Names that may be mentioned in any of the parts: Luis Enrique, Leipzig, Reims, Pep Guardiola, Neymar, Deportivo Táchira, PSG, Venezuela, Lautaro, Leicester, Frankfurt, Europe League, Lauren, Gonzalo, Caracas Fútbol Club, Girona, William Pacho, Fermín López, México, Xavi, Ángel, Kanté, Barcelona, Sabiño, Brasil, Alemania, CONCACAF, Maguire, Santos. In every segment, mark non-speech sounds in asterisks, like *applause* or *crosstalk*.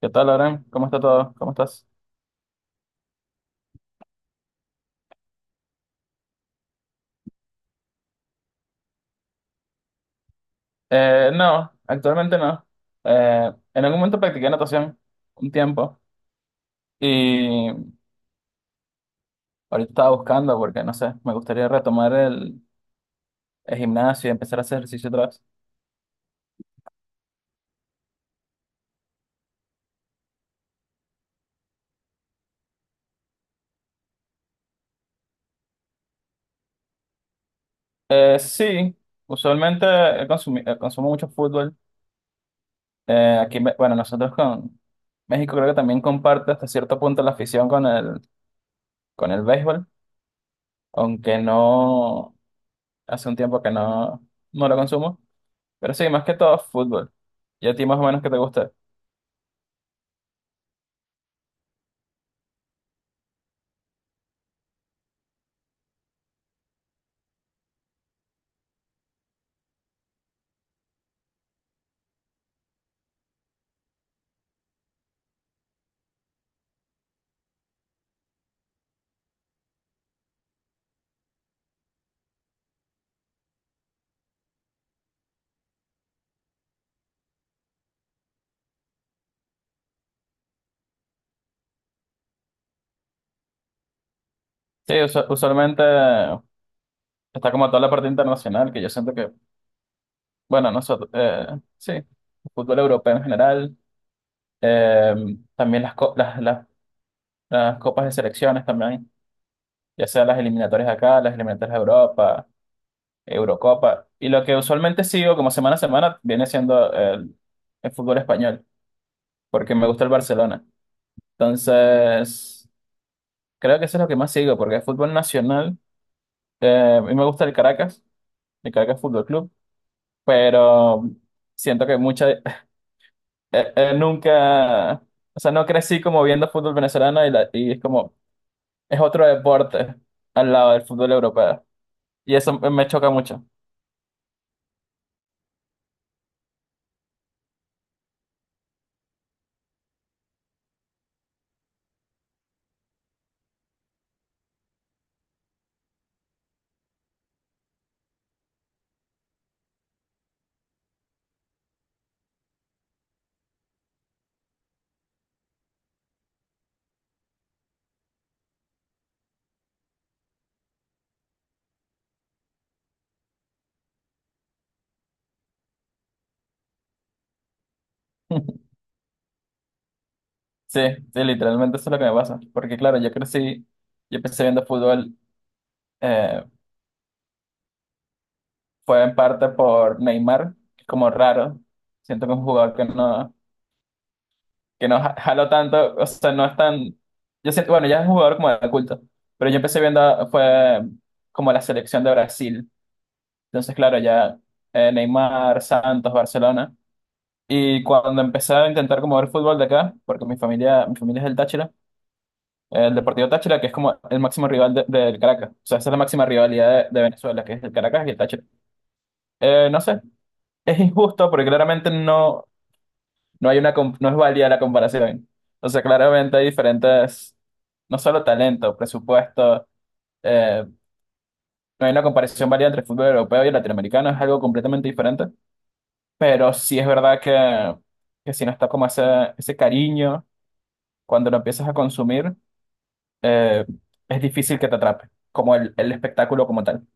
¿Qué tal, Lauren? ¿Cómo está todo? ¿Cómo estás? No, actualmente no. En algún momento practiqué natación un tiempo y ahorita estaba buscando porque, no sé, me gustaría retomar el gimnasio y empezar a hacer ejercicio otra vez. Sí, usualmente consumo mucho fútbol. Aquí, bueno, nosotros con México creo que también comparte hasta cierto punto la afición con con el béisbol, aunque no, hace un tiempo que no, no lo consumo. Pero sí, más que todo fútbol. ¿Y a ti más o menos qué te gusta? Sí, usualmente está como toda la parte internacional, que yo siento que, bueno, nosotros, sí, el fútbol europeo en general, eh, también las, co- las copas de selecciones también, ya sea las eliminatorias de acá, las eliminatorias de Europa, Eurocopa, y lo que usualmente sigo como semana a semana viene siendo el fútbol español, porque me gusta el Barcelona. Entonces, creo que eso es lo que más sigo, porque el fútbol nacional... A mí me gusta el Caracas Fútbol Club, pero siento que mucha, *laughs* nunca, o sea, no crecí como viendo fútbol venezolano y es como, es otro deporte al lado del fútbol europeo. Y eso me choca mucho. *laughs* Sí, sí, literalmente eso es lo que me pasa. Porque claro, yo crecí, yo empecé viendo fútbol, eh, fue en parte por Neymar, que es como raro. Siento que es un jugador que no, jalo tanto, o sea, no es tan... Yo siento, bueno, ya es un jugador como de culto, pero yo empecé viendo, fue como la selección de Brasil. Entonces, claro, ya Neymar, Santos, Barcelona. Y cuando empecé a intentar como ver fútbol de acá, porque mi familia es del Táchira, el Deportivo Táchira, que es como el máximo rival del Caracas. O sea, esa es la máxima rivalidad de Venezuela, que es el Caracas y el Táchira. No sé, es injusto porque claramente no... No hay una, no es válida la comparación. O sea, claramente hay diferentes, no solo talento, presupuesto, eh, no hay una comparación válida entre el fútbol europeo y el latinoamericano, es algo completamente diferente. Pero sí es verdad que si no está como ese cariño, cuando lo empiezas a consumir, eh, es difícil que te atrape, como el espectáculo como tal.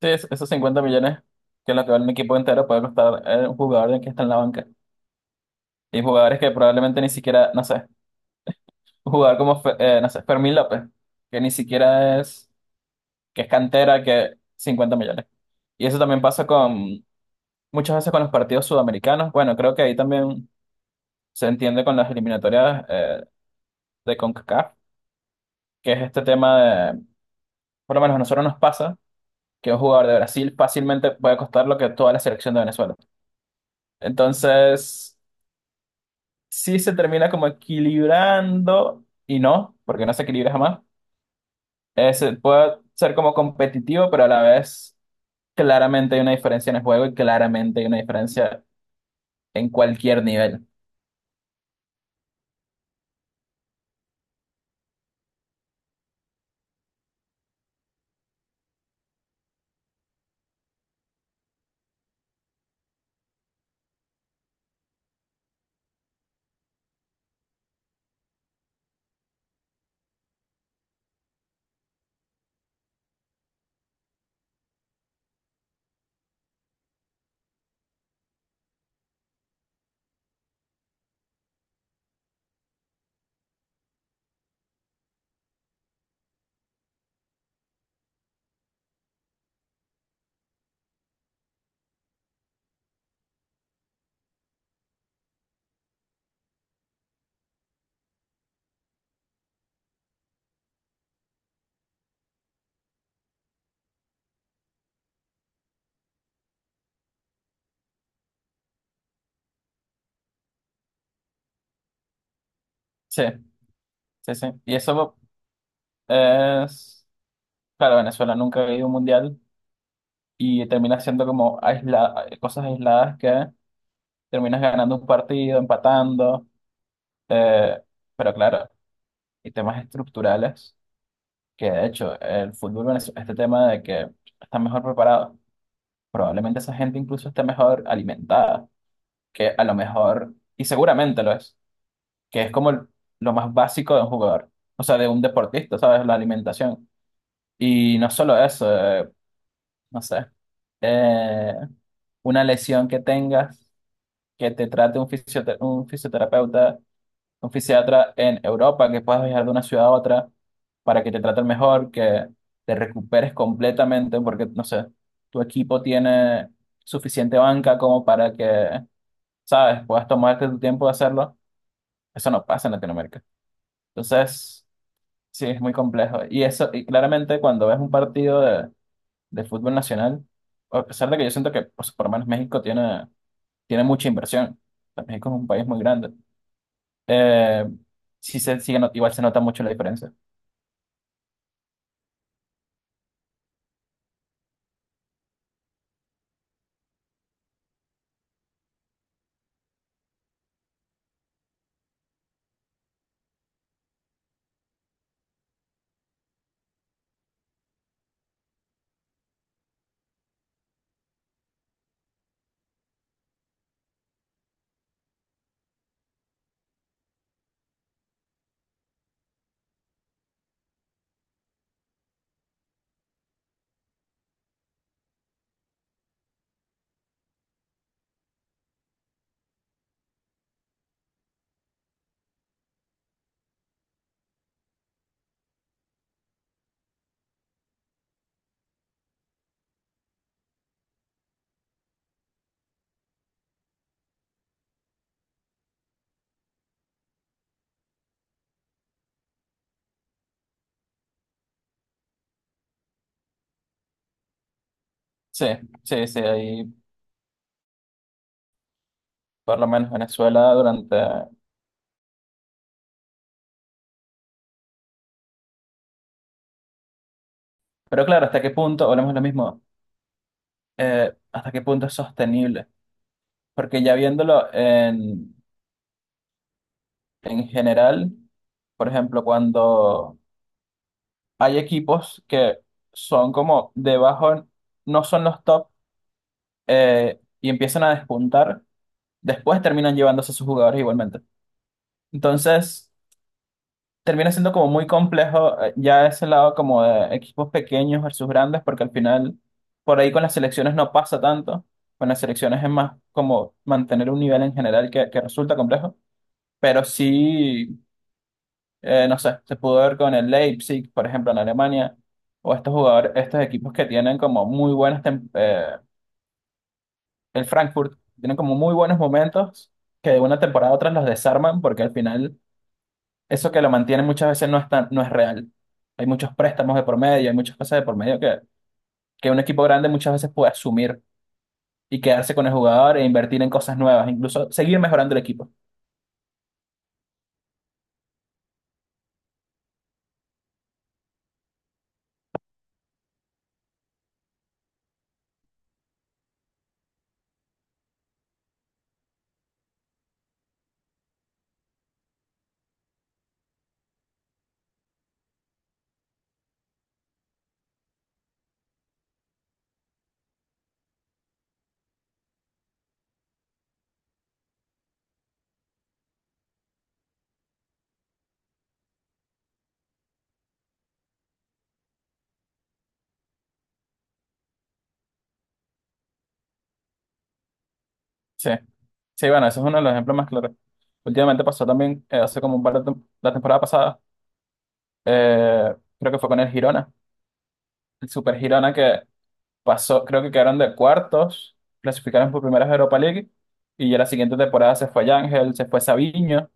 Sí, esos 50 millones que es lo que vale un equipo entero puede costar un jugador de que está en la banca. Y jugadores que probablemente ni siquiera, no sé. Un jugador como, no sé, Fermín López, que ni siquiera es, que es cantera, que 50 millones. Y eso también pasa con muchas veces con los partidos sudamericanos. Bueno, creo que ahí también se entiende con las eliminatorias de CONCACAF, que es este tema de, por lo menos a nosotros nos pasa, que un jugador de Brasil fácilmente puede costar lo que toda la selección de Venezuela. Entonces, sí se termina como equilibrando y no, porque no se equilibra jamás. Se puede ser como competitivo, pero a la vez claramente hay una diferencia en el juego y claramente hay una diferencia en cualquier nivel. Sí, sí, sí. Y eso es, claro, Venezuela nunca ha ido a un mundial y termina siendo como cosas aisladas que terminas ganando un partido, empatando, eh, pero claro, y temas estructurales que de hecho el fútbol venezolano, este tema de que está mejor preparado, probablemente esa gente incluso esté mejor alimentada, que a lo mejor, y seguramente lo es que es como lo más básico de un jugador, o sea, de un deportista, ¿sabes? La alimentación. Y no solo eso, no sé, eh, una lesión que tengas, que te trate un un fisioterapeuta, un fisiatra en Europa, que puedas viajar de una ciudad a otra para que te traten mejor, que te recuperes completamente, porque, no sé, tu equipo tiene suficiente banca como para ¿sabes?, puedas tomarte tu tiempo de hacerlo. Eso no pasa en Latinoamérica. Entonces... Sí, es muy complejo. Y eso, y claramente cuando ves un partido de fútbol nacional, a pesar de que yo siento que pues, por lo menos México tiene, tiene mucha inversión. O sea, México es un país muy grande. Eh, sí se sigue, igual se nota mucho la diferencia. Sí, sí, sí, ahí por lo menos Venezuela durante... Pero claro, ¿hasta qué punto, volvemos a lo mismo, hasta qué punto es sostenible? Porque ya viéndolo en general, por ejemplo, cuando hay equipos que son como debajo, no son los top y empiezan a despuntar, después terminan llevándose a sus jugadores igualmente. Entonces, termina siendo como muy complejo ya ese lado como de equipos pequeños versus grandes, porque al final por ahí con las selecciones no pasa tanto, con las selecciones es más como mantener un nivel en general que resulta complejo, pero sí. No sé, se pudo ver con el Leipzig, por ejemplo, en Alemania, o estos jugadores, estos equipos que tienen como muy buenas, el Frankfurt, tienen como muy buenos momentos que de una temporada a otra los desarman porque al final eso que lo mantiene muchas veces no es real. Hay muchos préstamos de por medio, hay muchas cosas de por medio que un equipo grande muchas veces puede asumir y quedarse con el jugador e invertir en cosas nuevas, incluso seguir mejorando el equipo. Sí, sí, bueno, ese es uno de los ejemplos más claros. Últimamente pasó también, hace como un par de la temporada pasada. Creo que fue con el Girona, el Super Girona que pasó, creo que quedaron de cuartos, clasificaron por primera vez a Europa League y ya la siguiente temporada se fue Ángel, se fue Sabiño,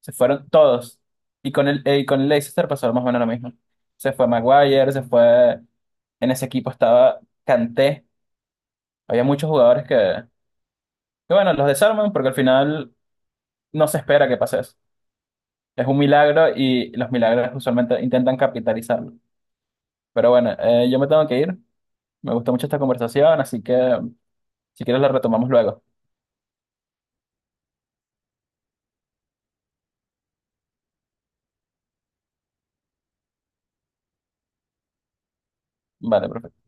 se fueron todos. Y con y con el Leicester pasó más o menos lo mismo. Se fue Maguire, se fue, en ese equipo estaba Kanté, había muchos jugadores que bueno, los desarman porque al final no se espera que pase eso. Es un milagro y los milagros usualmente intentan capitalizarlo. Pero bueno, yo me tengo que ir. Me gustó mucho esta conversación, así que si quieres la retomamos luego. Vale, perfecto.